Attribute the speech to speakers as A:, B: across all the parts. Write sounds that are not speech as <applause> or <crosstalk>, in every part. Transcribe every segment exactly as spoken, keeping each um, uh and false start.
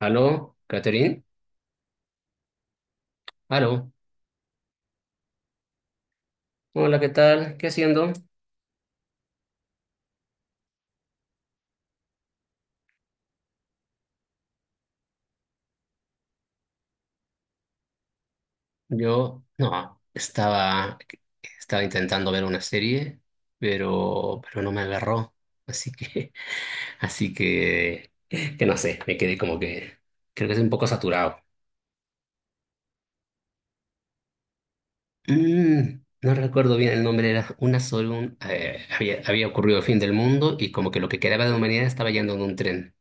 A: Aló, Catherine. Aló. Hola, ¿qué tal? ¿Qué haciendo? Yo, no, estaba, estaba intentando ver una serie, pero, pero no me agarró. Así que, <laughs> así que, que no sé, me quedé como que, creo que es un poco saturado. Mm, no recuerdo bien el nombre, era una sola, un- eh, había, había ocurrido el fin del mundo y como que lo que quedaba de la humanidad estaba yendo en un tren.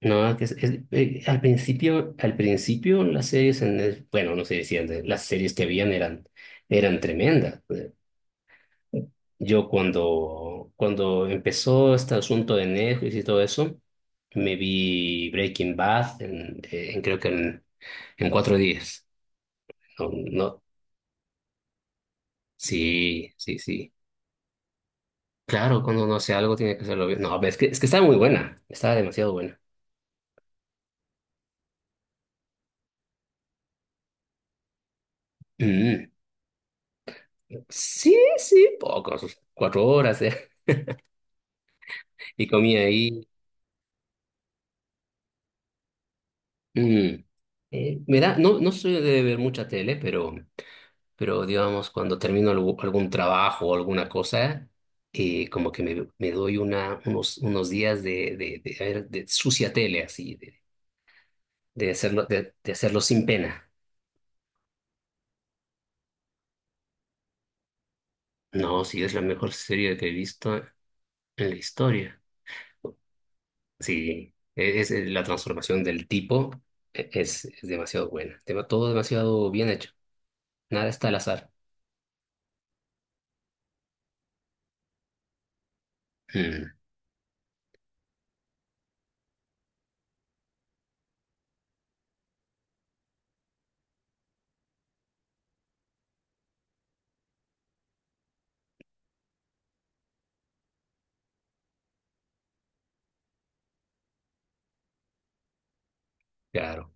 A: No, que es, es- eh, al principio, al principio las series en el- bueno, no sé si en el- las series que habían eran, eran tremendas. Eh, Yo cuando, cuando empezó este asunto de Netflix y todo eso, me vi Breaking Bad en, eh, en creo que en, en cuatro días. No, no, sí, sí, sí. Claro, cuando uno hace algo tiene que hacerlo bien. No, es que, es que estaba muy buena, estaba demasiado buena. Mm. Sí, sí, pocos, cuatro horas, eh, <laughs> y comía ahí. Mm. Eh, me da, no, no soy de ver mucha tele, pero, pero digamos, cuando termino algu- algún trabajo o alguna cosa, eh, como que me, me doy una, unos, unos días de, de, de, ver- de sucia tele, así, de, de hacerlo, de, de hacerlo sin pena. No, sí, es la mejor serie que he visto en la historia. Sí, es, es eh, la transformación del tipo, eh, es, es demasiado buena. Tema- Todo demasiado bien hecho. Nada está al azar. Mm, claro.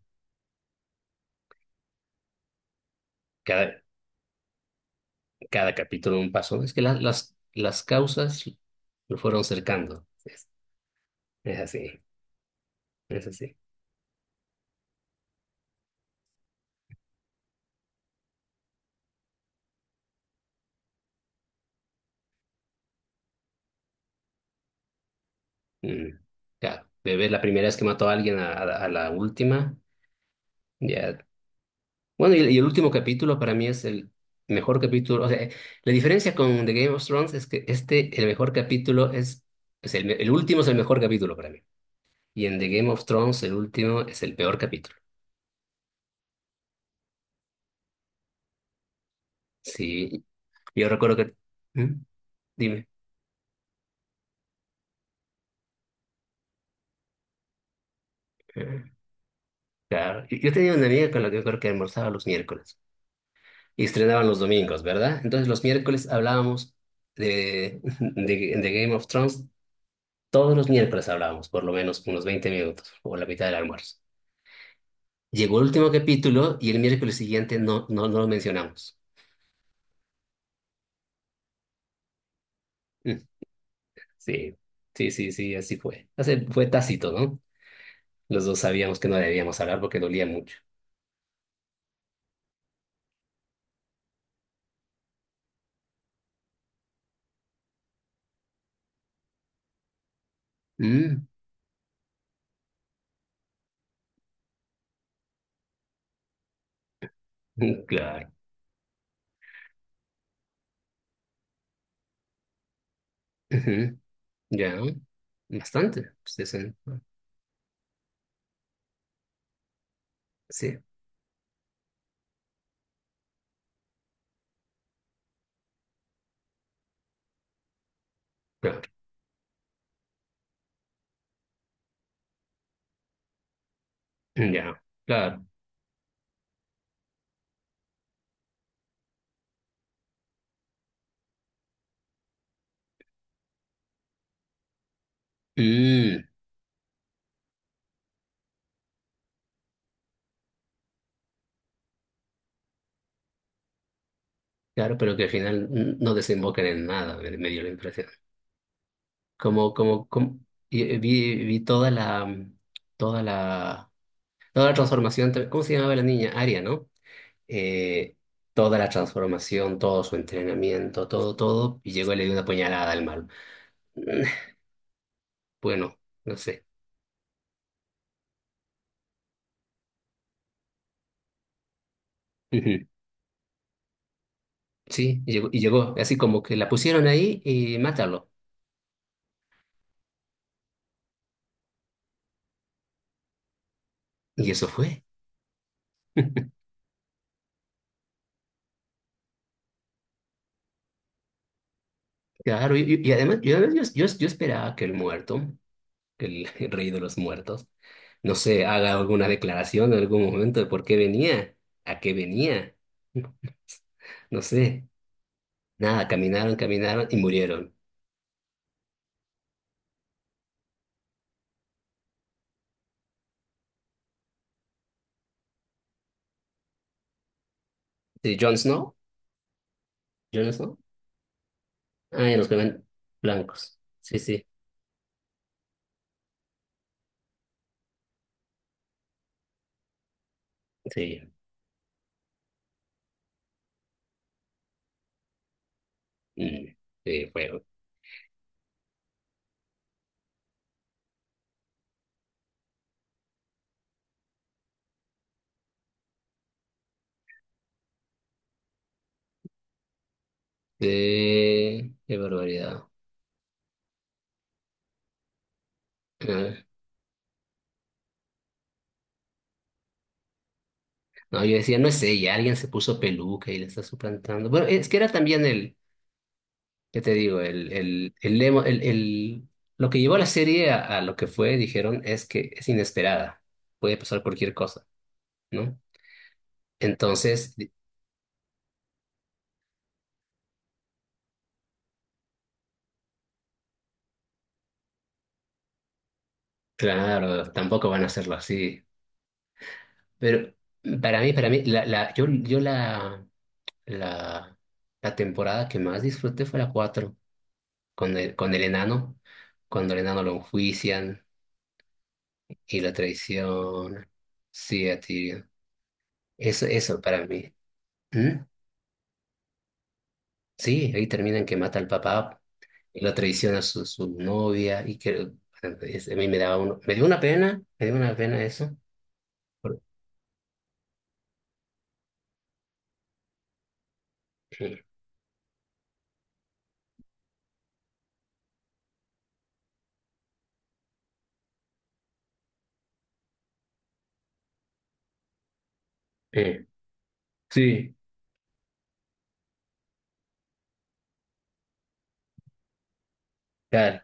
A: Cada capítulo un paso. Es que la- las, las causas lo fueron cercando. Es, es así, es así. Mm, claro, de ver la primera vez que mató a alguien a, a la a la última, ya. Bueno, y, y el último capítulo para mí es el mejor capítulo. O sea, la diferencia con The Game of Thrones es que este, el mejor capítulo es, es el, el último es el mejor capítulo para mí. Y en The Game of Thrones el último es el peor capítulo. Sí, yo recuerdo que... ¿Mm? Dime. Claro. Y- Yo tenía una amiga con la que yo creo que almorzaba los miércoles y estrenaban los domingos, ¿verdad? Entonces los miércoles hablábamos de, <laughs> de, de Game of Thrones, todos los miércoles hablábamos, por lo menos unos veinte minutos o la mitad del almuerzo. Llegó el último capítulo y el miércoles siguiente no, no, no lo mencionamos. Mm, sí, sí, sí, sí, así fue. O sea, fue tácito, ¿no? Los dos sabíamos que no debíamos hablar porque dolía mucho. Mm, <laughs> mm, claro. Ujú, ya, bastante. Pues, es un- sí. Claro. Ya, claro. Mm, claro, pero que al final mm, no desembocan en nada, me, me dio la impresión. Como, como, como y- eh, vi, vi toda la, mm, toda la, toda la transformación, te- ¿cómo se llamaba la niña? Aria, ¿no? Eh, toda la transformación, todo su entrenamiento, todo, todo, y llegó y le dio una puñalada al malo. <laughs> Bueno, no sé. Ujú. Sí, y llegó, y llegó, así como que la pusieron ahí y mátalo. Y eso fue. Claro, y, y- y además yo, yo, yo, yo esperaba que el muerto el <laughs> rey de los muertos, no sé, haga alguna declaración en algún momento de por qué venía, a qué venía. <laughs> No no sé, nada, caminaron, caminaron y murieron. ¿Sí, Jon Snow? ¿Jon Snow? Ah, ya nos quedan blancos. Sí, sí, sí. Mm, sí, fuego. Sí, qué barbaridad. Ah, no, yo decía, no es ella, alguien se puso peluca y le está suplantando. Bueno, es que era también el, ¿qué te digo? El, el, el, lema- el- el- lo que llevó a la serie a, a lo que fue, dijeron, es que es inesperada. Puede pasar cualquier cosa, ¿no? Entonces, di- claro, tampoco van a hacerlo así. Pero para mí, para mí, la, la, yo, yo la, la, la temporada que más disfruté fue la cuatro con el, con el enano, cuando el enano lo enjuician y la traición. Sí, a Tyrion. Eso, eso para mí. ¿Mm? Sí, ahí terminan que mata al papá y lo traiciona su, su novia y que bueno, es- a mí me daba uno, me dio una pena, me dio una pena eso. por- eh, eh, Sí, claro,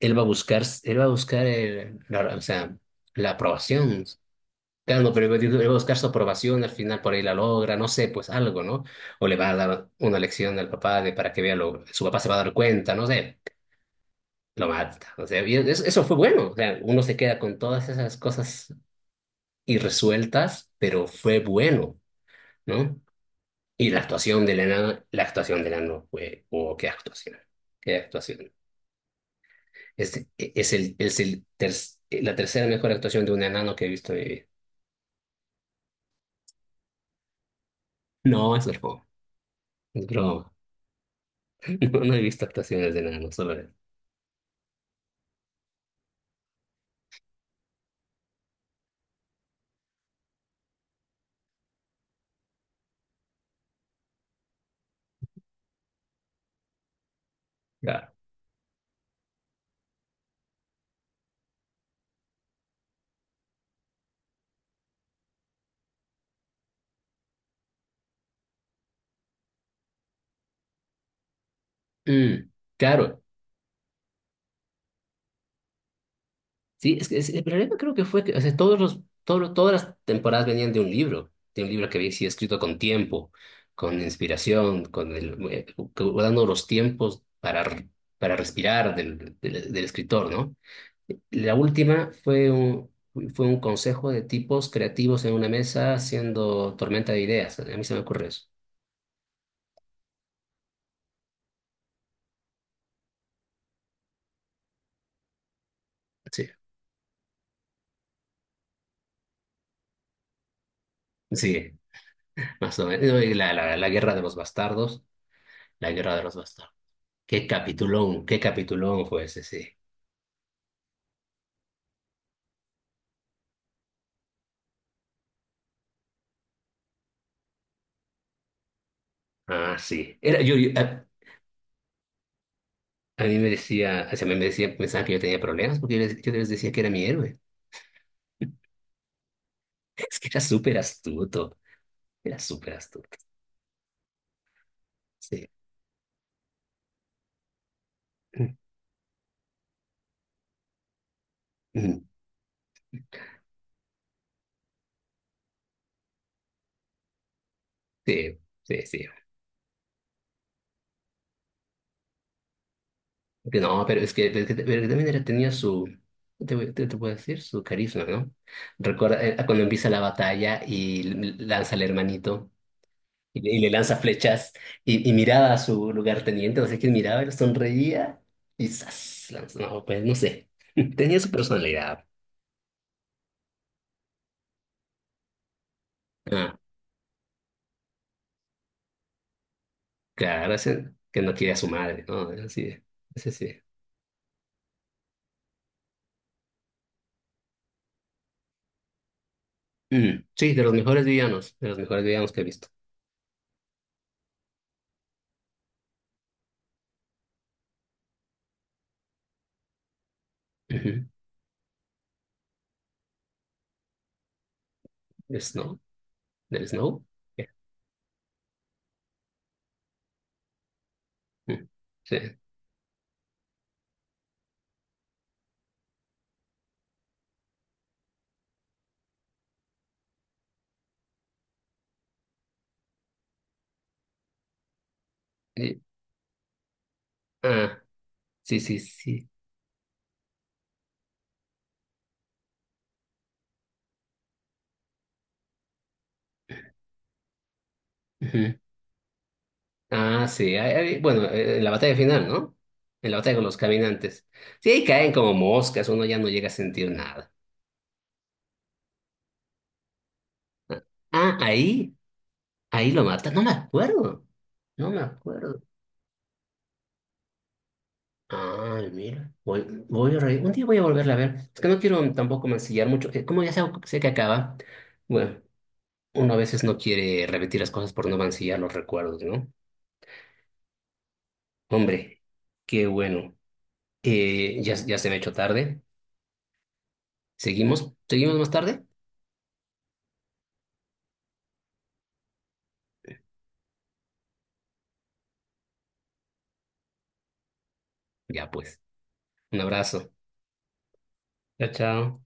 A: él va a buscar, él va a buscar el- la, o sea, la aprobación. Claro, no, pero él va a buscar su aprobación, al final por ahí la logra, no sé, pues algo, ¿no? O le va a dar una lección al papá de para que vea lo, su papá se va a dar cuenta, no sé, lo mata. O sea, y eso, eso fue bueno, o sea, uno se queda con todas esas cosas y resueltas, pero fue bueno, ¿no? Y la actuación de Lena, la actuación de Leno fue, oh, qué actuación, qué actuación. Es, e, es, el, es el ter- la tercera mejor actuación de un enano que he visto en mi vida. No, es broma, es broma. <laughs> No, no he visto actuaciones de enano, solo es. Claro. Mm, claro. Sí, es que es- el problema creo que fue que o sea, todos los, todo- todas las temporadas venían de un libro, de un libro que había sido escrito con tiempo, con inspiración, con el, eh, dando los tiempos para, r- para respirar del, del, del escritor, ¿no? La última fue un, fue un consejo de tipos creativos en una mesa haciendo tormenta de ideas. A mí se me ocurre eso. Sí, sí, más o menos. No, y La, la, la guerra de los bastardos, la guerra de los bastardos. Qué capitulón, qué capitulón fue ese, sí. Ah, sí. Era, yo, yo- a, a mí me decía, o sea, me me decía, pensaba que yo tenía problemas porque yo les, yo les decía que era mi héroe. <laughs> Es que era súper astuto, era súper astuto. Sí. Mm, sí, sí, sí. Que no, pero es que, pero que- pero que también era- tenía su, ¿qué te, voy- te, te puedo decir, su carisma, ¿no? Recuerda eh, cuando empieza la batalla y l- lanza al hermanito. Y le, y le lanza flechas y, y miraba a su lugarteniente, no sé quién miraba, él sonreía y ¡zas! lanza- No, pues no sé. <laughs> Tenía su personalidad. Ah, claro, ese que no quiere a su madre, ¿no? Ese sí, ese sí. Mm, sí, de los mejores villanos, de los mejores villanos que he visto. Ujú. ¿De Snow? ¿Del Snow? Ya. Mm, sí. Y- ah, sí, sí, sí. Ah, sí. hay- hay- bueno, eh, en la batalla final, ¿no? En la batalla con los caminantes. Sí, ahí caen como moscas, uno ya no llega a sentir nada. Ah, ahí, ahí lo mata. No me acuerdo. No me acuerdo. Ay, mira. Voy, voy a re- un día voy a volverla a ver. Es que no quiero tampoco mancillar mucho. eh, Como ya sé, sé que acaba, bueno, uno a veces no quiere repetir las cosas por no mancillar los recuerdos, ¿no? Hombre, qué bueno. Eh, ya, ya se me ha hecho tarde. ¿Seguimos? ¿Seguimos más tarde? Ya pues. Un abrazo. Chao, chao.